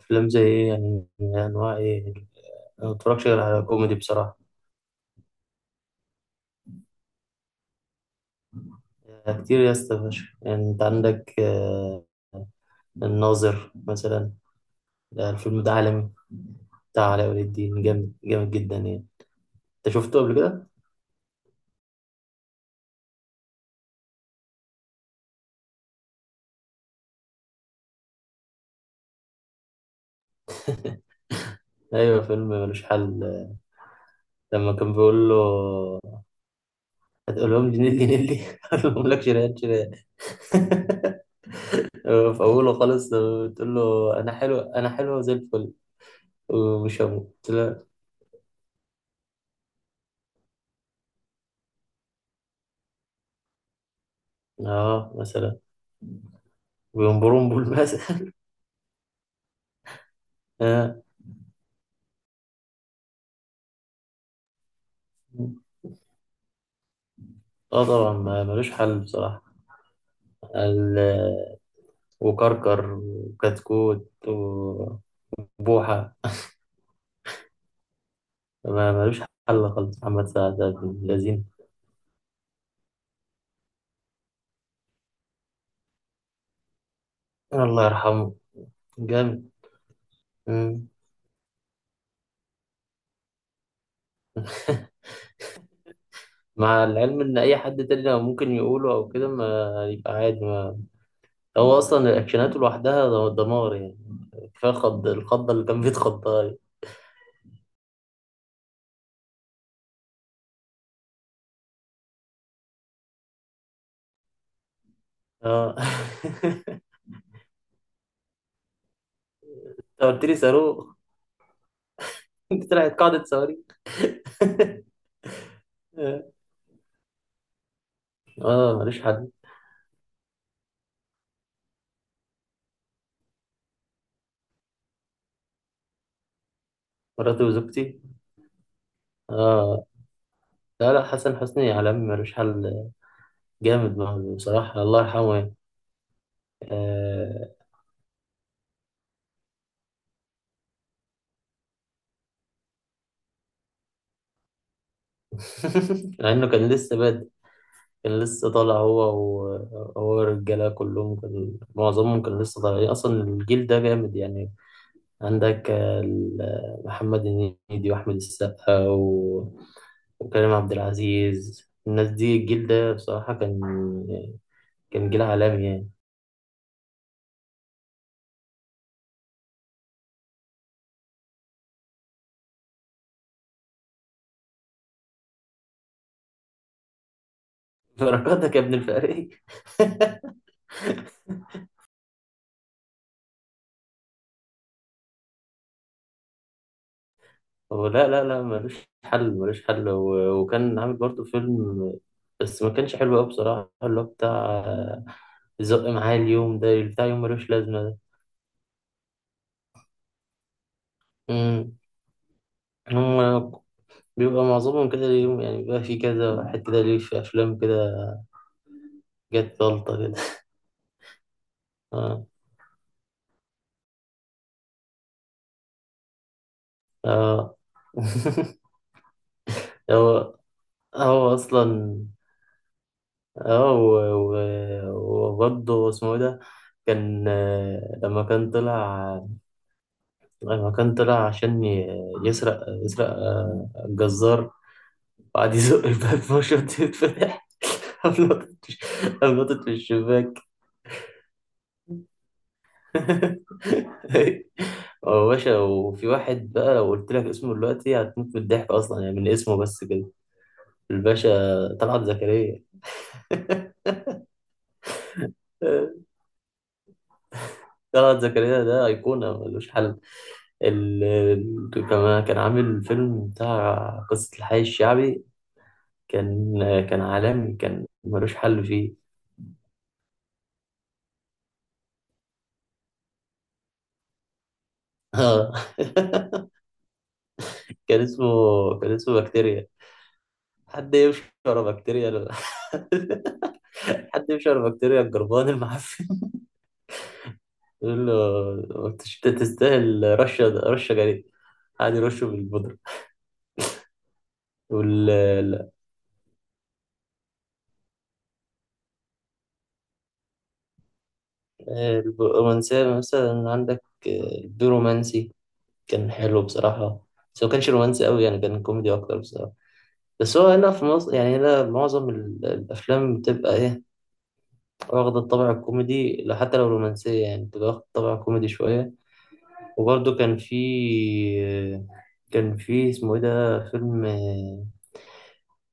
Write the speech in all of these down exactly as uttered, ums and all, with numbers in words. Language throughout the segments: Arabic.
أفلام زي إيه يعني يعني أنواع إيه أنا ما بتفرجش غير على كوميدي بصراحة. يعني كتير يا اسطى فشخ يعني أنت عندك آه، الناظر مثلا، ده الفيلم ده عالمي، بتاع علاء ولي الدين، جامد جامد جدا يعني. أنت شفته قبل كده؟ أيوه فيلم ملوش حل. لما كان بيقول له هتقول لهم جنيه جنيه لي هقول لهم لك شريان شريان. في أوله خالص لما بتقول له أنا حلو أنا حلوة زي الفل ومش هموت قلت له، آه مثلا بينبرون بالمثل. اه طبعا ما- ملوش حل بصراحة. ال- وكركر وكتكوت وبوحة ما- ملوش حل خالص، محمد سعد ده ابن الذين، الله يرحمه، جامد. مم. مع العلم ان اي حد تاني لو ممكن يقوله او كده ما يبقى عادي. ما هو اصلا الاكشنات لوحدها ده- دمار يعني، كفايه خض الخضه اللي كان بيتخضها دي. اه. انت قلت لي صاروخ. انت طلعت قاعده صواريخ. اه ماليش حد. مراتي وزوجتي. اه لا لا، حسن حسني عالمي ملوش حل، جامد معاه بصراحة، الله يرحمه يعني، آه. مع انه كان لسه بادئ، كان لسه طالع هو، وهو الرجالة كلهم كان معظمهم كان لسه طالعين يعني، اصلا الجيل ده جامد يعني. عندك آه، ال- محمد هنيدي واحمد السقا و- وكريم عبد العزيز، الناس دي الجيل ده بصراحة كان كان جيل عالمي يعني. بركاتك يا ابن الفقري. هو لا لا لا ملوش حل ملوش حل و- وكان عامل برضه فيلم بس ما كانش حلو قوي بصراحة، اللي هو بتاع زق معايا اليوم ده، بتاع يوم ملوش لازمة ده. مم. هم بيبقى معظمهم كده اليوم، يعني بيبقى في كذا واحد كده، ليه في أفلام كده جت غلطة كده. اه اه. هو هو أصلا اه و- و- وبرضه اسمه إيه ده. كان آه، لما كان طلع، أيوة كان طلع عشان ي- يسرق يسرق آه، الجزار، وقعد يزق الباب. فشرة تتفتح، قام نطت قام نطت في الشباك. هو باشا، وفي واحد بقى لو قلت لك اسمه دلوقتي هتموت من الضحك أصلا، يعني من اسمه بس كده، الباشا طلعت زكريا. طلعت زكريا ده أيقونة ملوش حل. ال... ال- كمان كان عامل فيلم بتاع قصة الحي الشعبي، كان كان عالمي، كان ملوش حل فيه. اه. كان اسمه كان اسمه بكتيريا. حد يمشي ورا بكتيريا ال- حد يمشي ورا بكتيريا الجربان المعفن. يقول له انت ش- أنت تستاهل رشه رشه جريء، قاعد يرشه بالبودره. وال ال- الرومانسية مثلا عندك آه، البيرومانسي كان حلو بصراحة، بس هو كانش رومانسي قوي يعني، كان كوميدي أكتر بصراحة. بس هو هنا في مصر يعني، هنا معظم ال- الأفلام بتبقى إيه، واخدة الطابع الكوميدي، لا حتى لو رومانسية يعني بتبقى واخدة الطابع الكوميدي شوية. وبرضه كان في كان في اسمه ايه ده فيلم،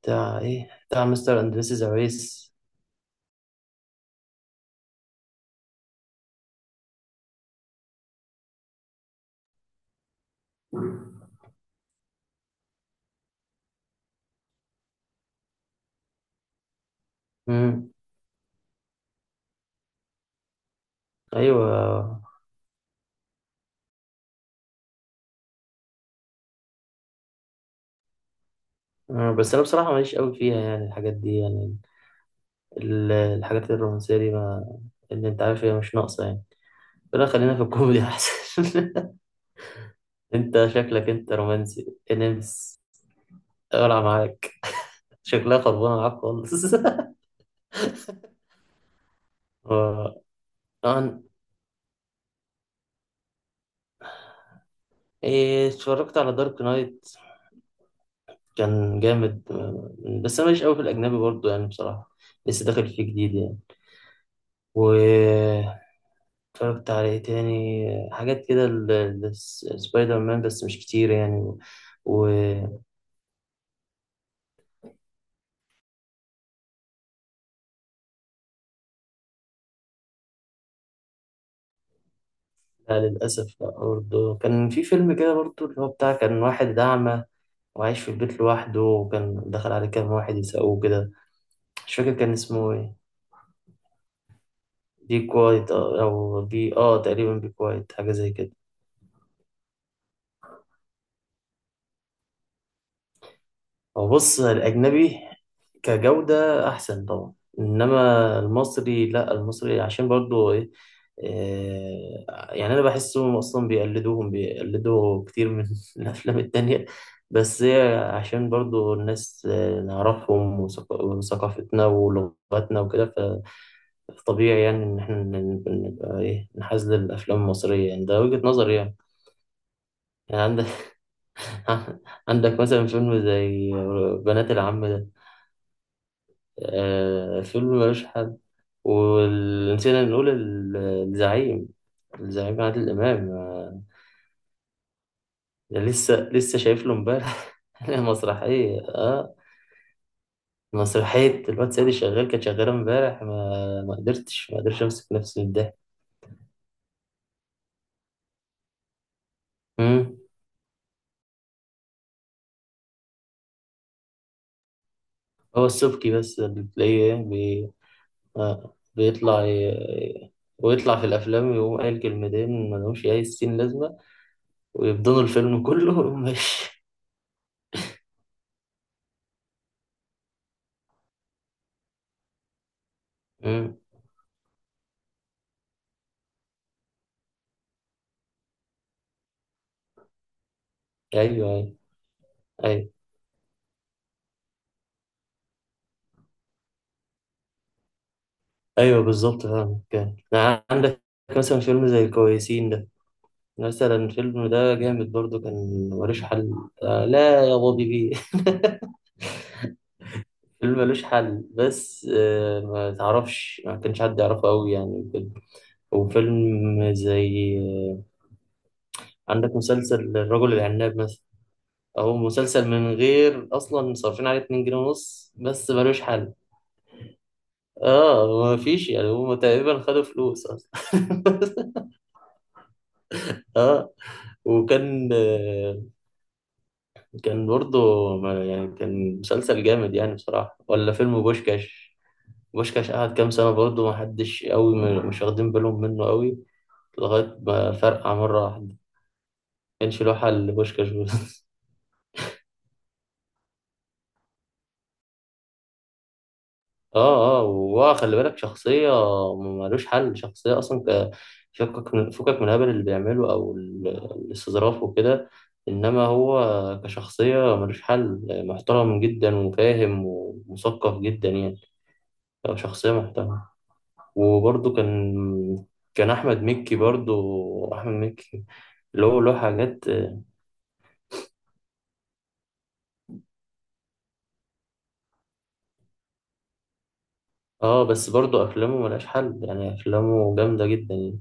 بتاع ايه، بتاع مستر اند مسز أويس. امم ايوه. مم. بس انا بصراحه ماليش قوي فيها يعني الحاجات دي يعني، ال- الحاجات الرومانسيه دي، ما اللي انت عارف هي مش ناقصه يعني، لا خلينا في الكوميدي احسن. انت شكلك انت رومانسي نمس. اقلع معاك، شكلها خربانه معاك خالص. آه، أنا- إيه، اتفرجت على دارك نايت، كان جامد آه، بس انا ماليش قوي في الاجنبي برضو يعني بصراحه، لسه داخل فيه جديد يعني. و اتفرجت على ايه تاني حاجات كده، ال- ال- الس- سبايدر مان، بس مش كتير يعني و... و... لا للاسف، لا برضو كان في فيلم كده برضو اللي هو بتاع كان واحد اعمى وعايش في البيت لوحده، وكان دخل عليه كام واحد يسقوه كده، مش فاكر كان اسمه ايه، بي كوايت او بي اه تقريبا بي كوايت حاجه زي كده. هو بص، الأجنبي كجودة أحسن طبعا، إنما المصري لأ، المصري عشان برضو إيه، إيه، يعني أنا بحسهم أصلا بيقلدوهم، بيقلدوا كتير من الأفلام التانية، بس هي عشان برضو الناس آه، نعرفهم، وثق- وثقافتنا ولغتنا وكده، فطبيعي يعني إن إحنا ن- نبقى إيه، نحاز للأفلام المصرية يعني، ده وجهة نظري يعني. يعني عندك. عندك مثلا فيلم زي بنات العم ده، آه فيلم ملوش حل. ونسينا نقول ال- الزعيم، الزعيم عادل إمام آه، ده لسه لسه شايف له امبارح. مسرحية اه مسرحية الواد سيدي شغال كانت شغالة امبارح، ما ما قدرتش ما قدرتش امسك نفسي من الضحك. مم. هو السبكي بس اللي تلاقيه بي... آه. بيطلع ي... ويطلع في الأفلام ويقوم قايل كلمتين ملهمش أي ستين لازمة، ويبدنوا الفيلم كله ويقوم ماشي. مم. أيوه أيوه أيوه. ايوه بالظبط فاهم، كان يعني عندك مثلا فيلم زي الكويسين ده، مثلا الفيلم ده جامد برضو، كان ملوش حل. آه لا يا بابي بيه. فيلم ملوش حل، بس آه ما تعرفش ما كانش حد يعرفه قوي يعني كده. وفيلم زي آه عندك مسلسل الرجل العناب مثلا. اهو مسلسل من غير اصلا صارفين عليه اتنين جنيه ونص، بس ملوش حل. اه ما فيش يعني، هم تقريبا خدوا فلوس اصلا. اه وكان آه، كان برضه ما- يعني كان مسلسل جامد يعني بصراحة، ولا فيلم بوشكاش. بوشكاش قعد كام سنة برضه محدش قوي م- مش واخدين بالهم منه قوي، لغاية ما فرقع مرة واحدة، كانش له حل لبوشكاش بس. اه اه، وهو خلي بالك شخصية ملوش حل، شخصية أصلا ك- فكك من فكك من الهبل اللي بيعمله أو ال- الاستظراف وكده، إنما هو كشخصية ملوش حل، محترم جدا وفاهم ومثقف جدا يعني، هو شخصية محترمة. وبرضه كان كان احمد مكي برضه، احمد مكي اللي هو له حاجات اه، بس برضه افلامه ملهاش حل يعني، افلامه جامده جدا يعني.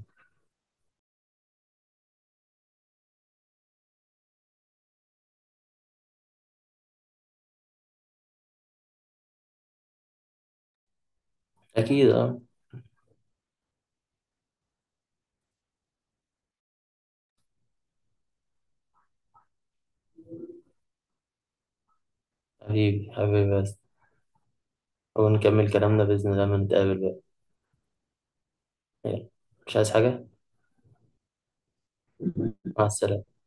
اكيد اه. حبيبي حبيبي بس، ونكمل كلامنا باذن الله لما نتقابل بقى. يلا. مش عايز حاجه. مع السلامه.